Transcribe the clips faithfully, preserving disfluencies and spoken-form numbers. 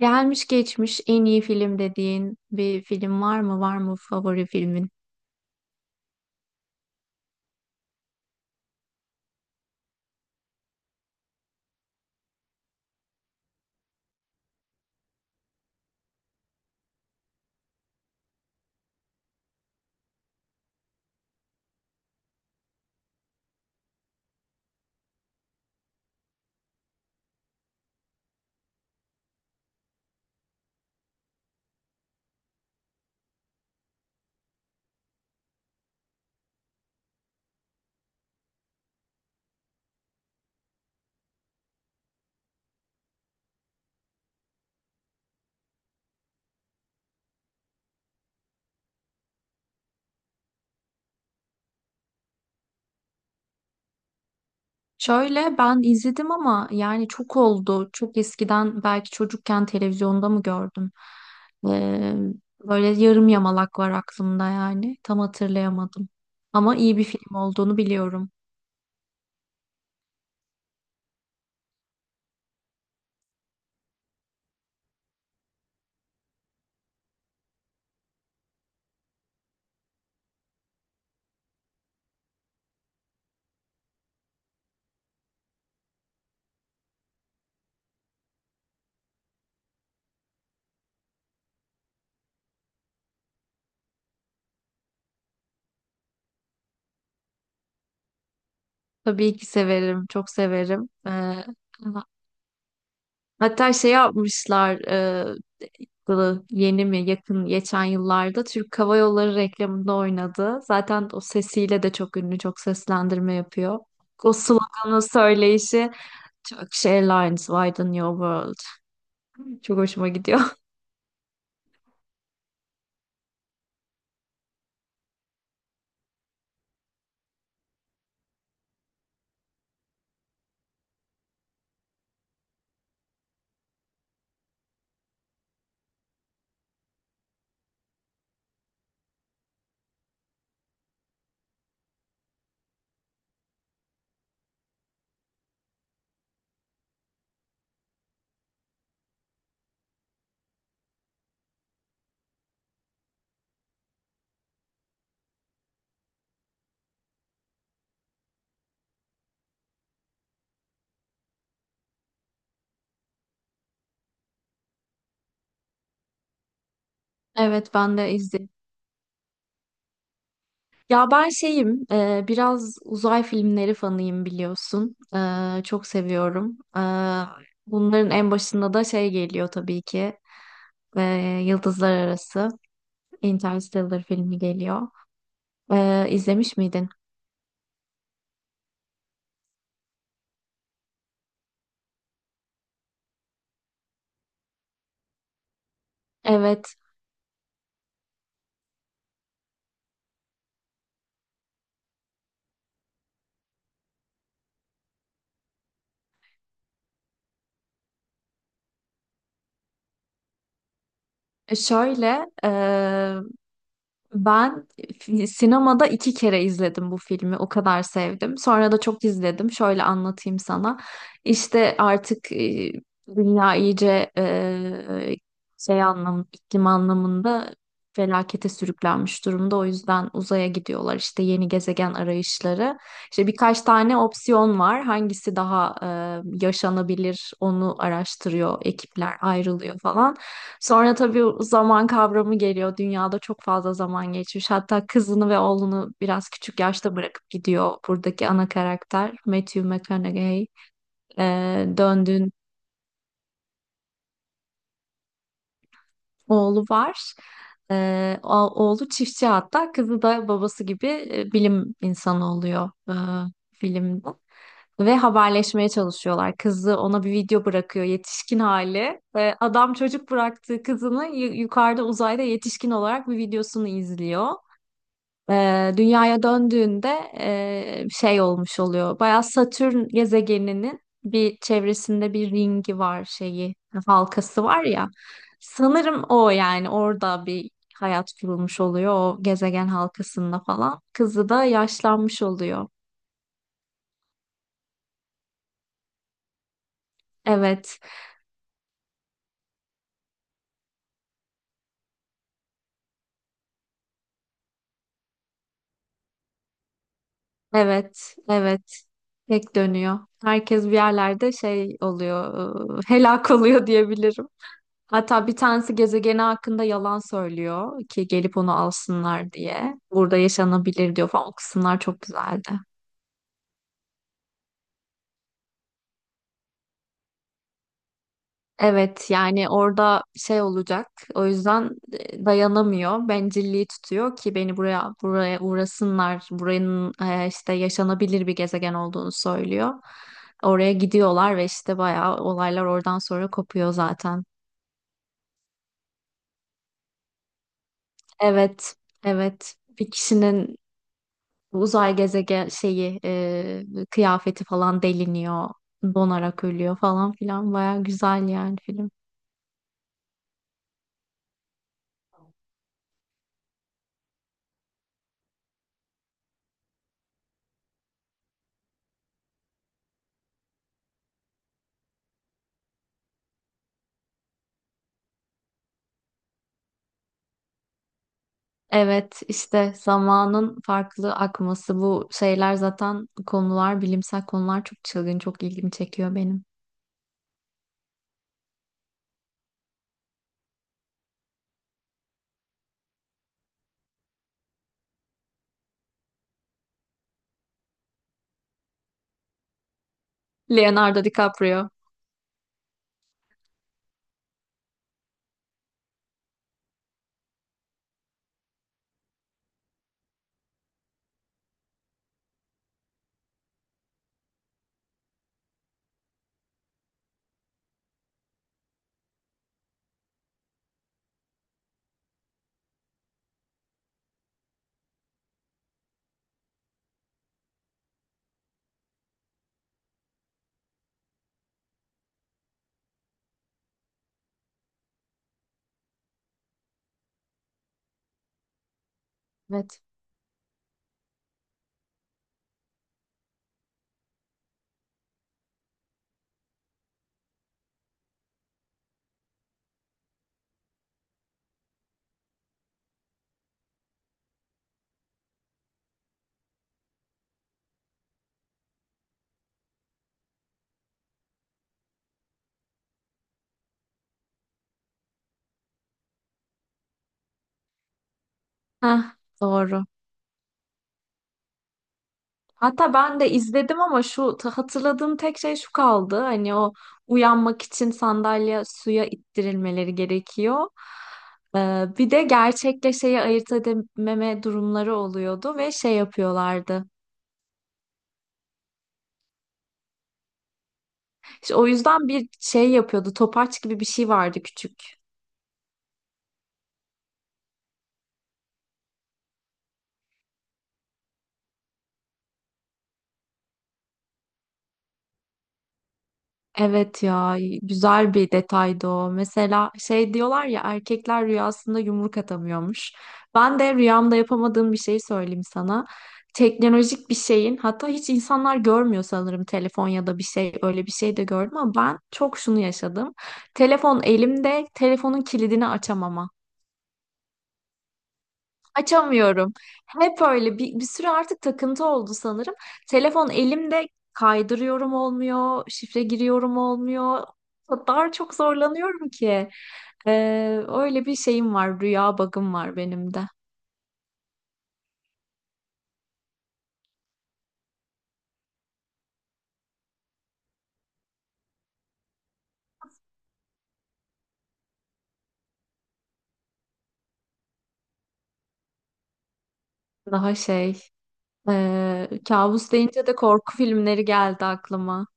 Gelmiş geçmiş en iyi film dediğin bir film var mı? Var mı favori filmin? Şöyle ben izledim ama yani çok oldu. Çok eskiden belki çocukken televizyonda mı gördüm? Ee, Böyle yarım yamalak var aklımda yani. Tam hatırlayamadım. Ama iyi bir film olduğunu biliyorum. Tabii ki severim. Çok severim. Ee, hatta şey yapmışlar. Yılı yeni mi yakın geçen yıllarda Türk Hava Yolları reklamında oynadı. Zaten o sesiyle de çok ünlü, çok seslendirme yapıyor. O sloganı söyleyişi Turkish Airlines widen your world. Çok hoşuma gidiyor. Evet ben de izledim. Ya ben şeyim, e, biraz uzay filmleri fanıyım biliyorsun. E, çok seviyorum. E, bunların en başında da şey geliyor tabii ki. E, Yıldızlar Arası Interstellar filmi geliyor. E, izlemiş miydin? Evet. Şöyle, ben fi- sinemada iki kere izledim bu filmi. O kadar sevdim. Sonra da çok izledim. Şöyle anlatayım sana. İşte artık e, dünya iyice e, şey anlam, iklim anlamında felakete sürüklenmiş durumda. O yüzden uzaya gidiyorlar. İşte yeni gezegen arayışları. İşte birkaç tane opsiyon var. Hangisi daha e, yaşanabilir onu araştırıyor, ekipler ayrılıyor falan. Sonra tabii zaman kavramı geliyor. Dünyada çok fazla zaman geçmiş. Hatta kızını ve oğlunu biraz küçük yaşta bırakıp gidiyor buradaki ana karakter Matthew McConaughey. Ee, döndüğün oğlu var. Ee, o- oğlu çiftçi, hatta kızı da babası gibi e, bilim insanı oluyor e, filmde. Ve haberleşmeye çalışıyorlar. Kızı ona bir video bırakıyor yetişkin hali. Ve adam çocuk bıraktığı kızını yu- yukarıda uzayda yetişkin olarak bir videosunu izliyor. E, dünyaya döndüğünde e, şey olmuş oluyor. Bayağı Satürn gezegeninin bir çevresinde bir ringi var şeyi, halkası var ya. Sanırım o, yani orada bir hayat kurulmuş oluyor o gezegen halkasında falan. Kızı da yaşlanmış oluyor. Evet, evet, evet. Tek dönüyor. Herkes bir yerlerde şey oluyor, e, helak oluyor diyebilirim. Hatta bir tanesi gezegeni hakkında yalan söylüyor ki gelip onu alsınlar diye. Burada yaşanabilir diyor falan. O kısımlar çok güzeldi. Evet yani orada şey olacak. O yüzden e, dayanamıyor. Bencilliği tutuyor ki beni buraya buraya uğrasınlar. Buranın e, işte yaşanabilir bir gezegen olduğunu söylüyor. Oraya gidiyorlar ve işte bayağı olaylar oradan sonra kopuyor zaten. Evet. Evet. Bir kişinin uzay gezegen şeyi e, kıyafeti falan deliniyor, donarak ölüyor falan filan. Baya güzel yani film. Evet işte zamanın farklı akması, bu şeyler zaten konular, bilimsel konular çok çılgın, çok ilgimi çekiyor benim. Leonardo DiCaprio. Evet. Heh, doğru. Hatta ben de izledim ama şu ta- hatırladığım tek şey şu kaldı. Hani o uyanmak için sandalye suya ittirilmeleri gerekiyor. Ee, bir de gerçekle şeyi ayırt edememe durumları oluyordu ve şey yapıyorlardı. İşte o yüzden bir şey yapıyordu. Topaç gibi bir şey vardı. Evet ya, güzel bir detaydı o. Mesela şey diyorlar ya, erkekler rüyasında yumruk atamıyormuş. Ben de rüyamda yapamadığım bir şey söyleyeyim sana. Teknolojik bir şeyin, hatta hiç insanlar görmüyor sanırım, telefon ya da bir şey, öyle bir şey de gördüm ama ben çok şunu yaşadım. Telefon elimde telefonun kilidini açamama. Açamıyorum. Hep öyle bir, bir süre artık takıntı oldu sanırım. Telefon elimde kaydırıyorum olmuyor, şifre giriyorum olmuyor. O kadar çok zorlanıyorum ki. Ee, öyle bir şeyim var, rüya bug'ım var benim de. Daha şey, ee, kabus deyince de korku filmleri geldi aklıma.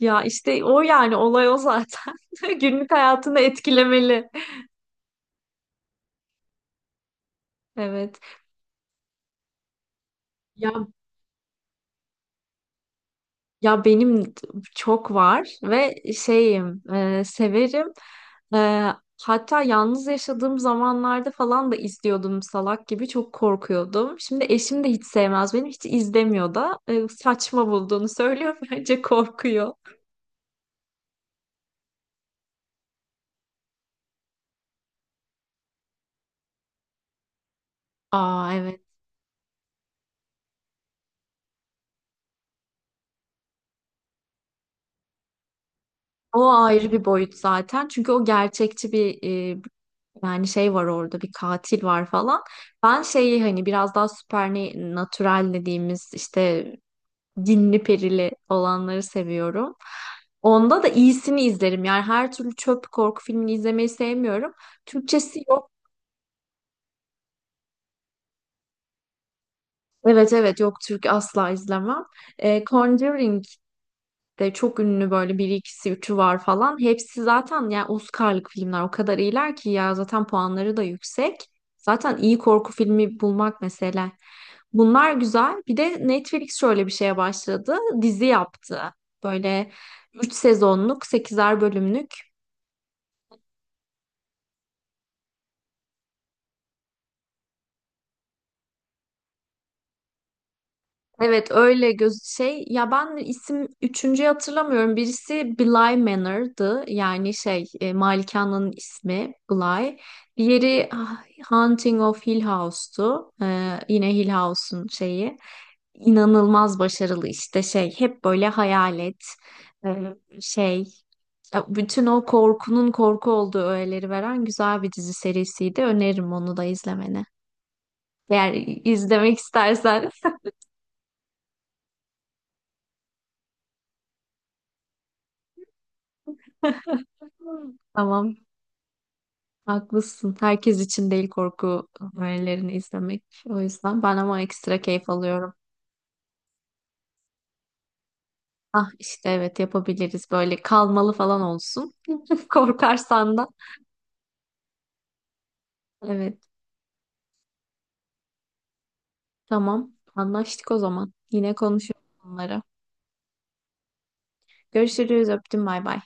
Ya işte o yani olay o zaten. Günlük hayatını etkilemeli. Evet. Ya benim çok var ve şeyim e, severim. E, Hatta yalnız yaşadığım zamanlarda falan da izliyordum, salak gibi çok korkuyordum. Şimdi eşim de hiç sevmez, beni hiç izlemiyor da e, saçma bulduğunu söylüyor bence korkuyor. Aa evet, o ayrı bir boyut zaten çünkü o gerçekçi bir e, yani şey var, orada bir katil var falan. Ben şeyi, hani biraz daha supernatural dediğimiz işte cinli perili olanları seviyorum. Onda da iyisini izlerim. Yani her türlü çöp korku filmini izlemeyi sevmiyorum. Türkçesi yok. Evet evet yok, Türk asla izlemem. E, Conjuring de çok ünlü, böyle bir ikisi üçü var falan. Hepsi zaten yani Oscar'lık filmler, o kadar iyiler ki ya, zaten puanları da yüksek. Zaten iyi korku filmi bulmak mesele. Bunlar güzel. Bir de Netflix şöyle bir şeye başladı. Dizi yaptı. Böyle üç sezonluk, sekizer bölümlük. Evet öyle göz şey ya, ben isim üçüncüyü hatırlamıyorum. Birisi Bly Manor'dı. Yani şey, e, malikanenin ismi Bly. Diğeri ah, Haunting of Hill House'tu. Ee, yine Hill House'un şeyi. İnanılmaz başarılı, işte şey, hep böyle hayalet, e, şey, ya bütün o korkunun korku olduğu öğeleri veren güzel bir dizi serisiydi. Öneririm onu da izlemeni. Eğer izlemek istersen. Tamam. Haklısın. Herkes için değil korku öğelerini izlemek. O yüzden ben ama ekstra keyif alıyorum. Ah işte evet yapabiliriz. Böyle kalmalı falan olsun. Korkarsan da. Evet. Tamam. Anlaştık o zaman. Yine konuşuruz bunları. Görüşürüz. Öptüm. Bay bay.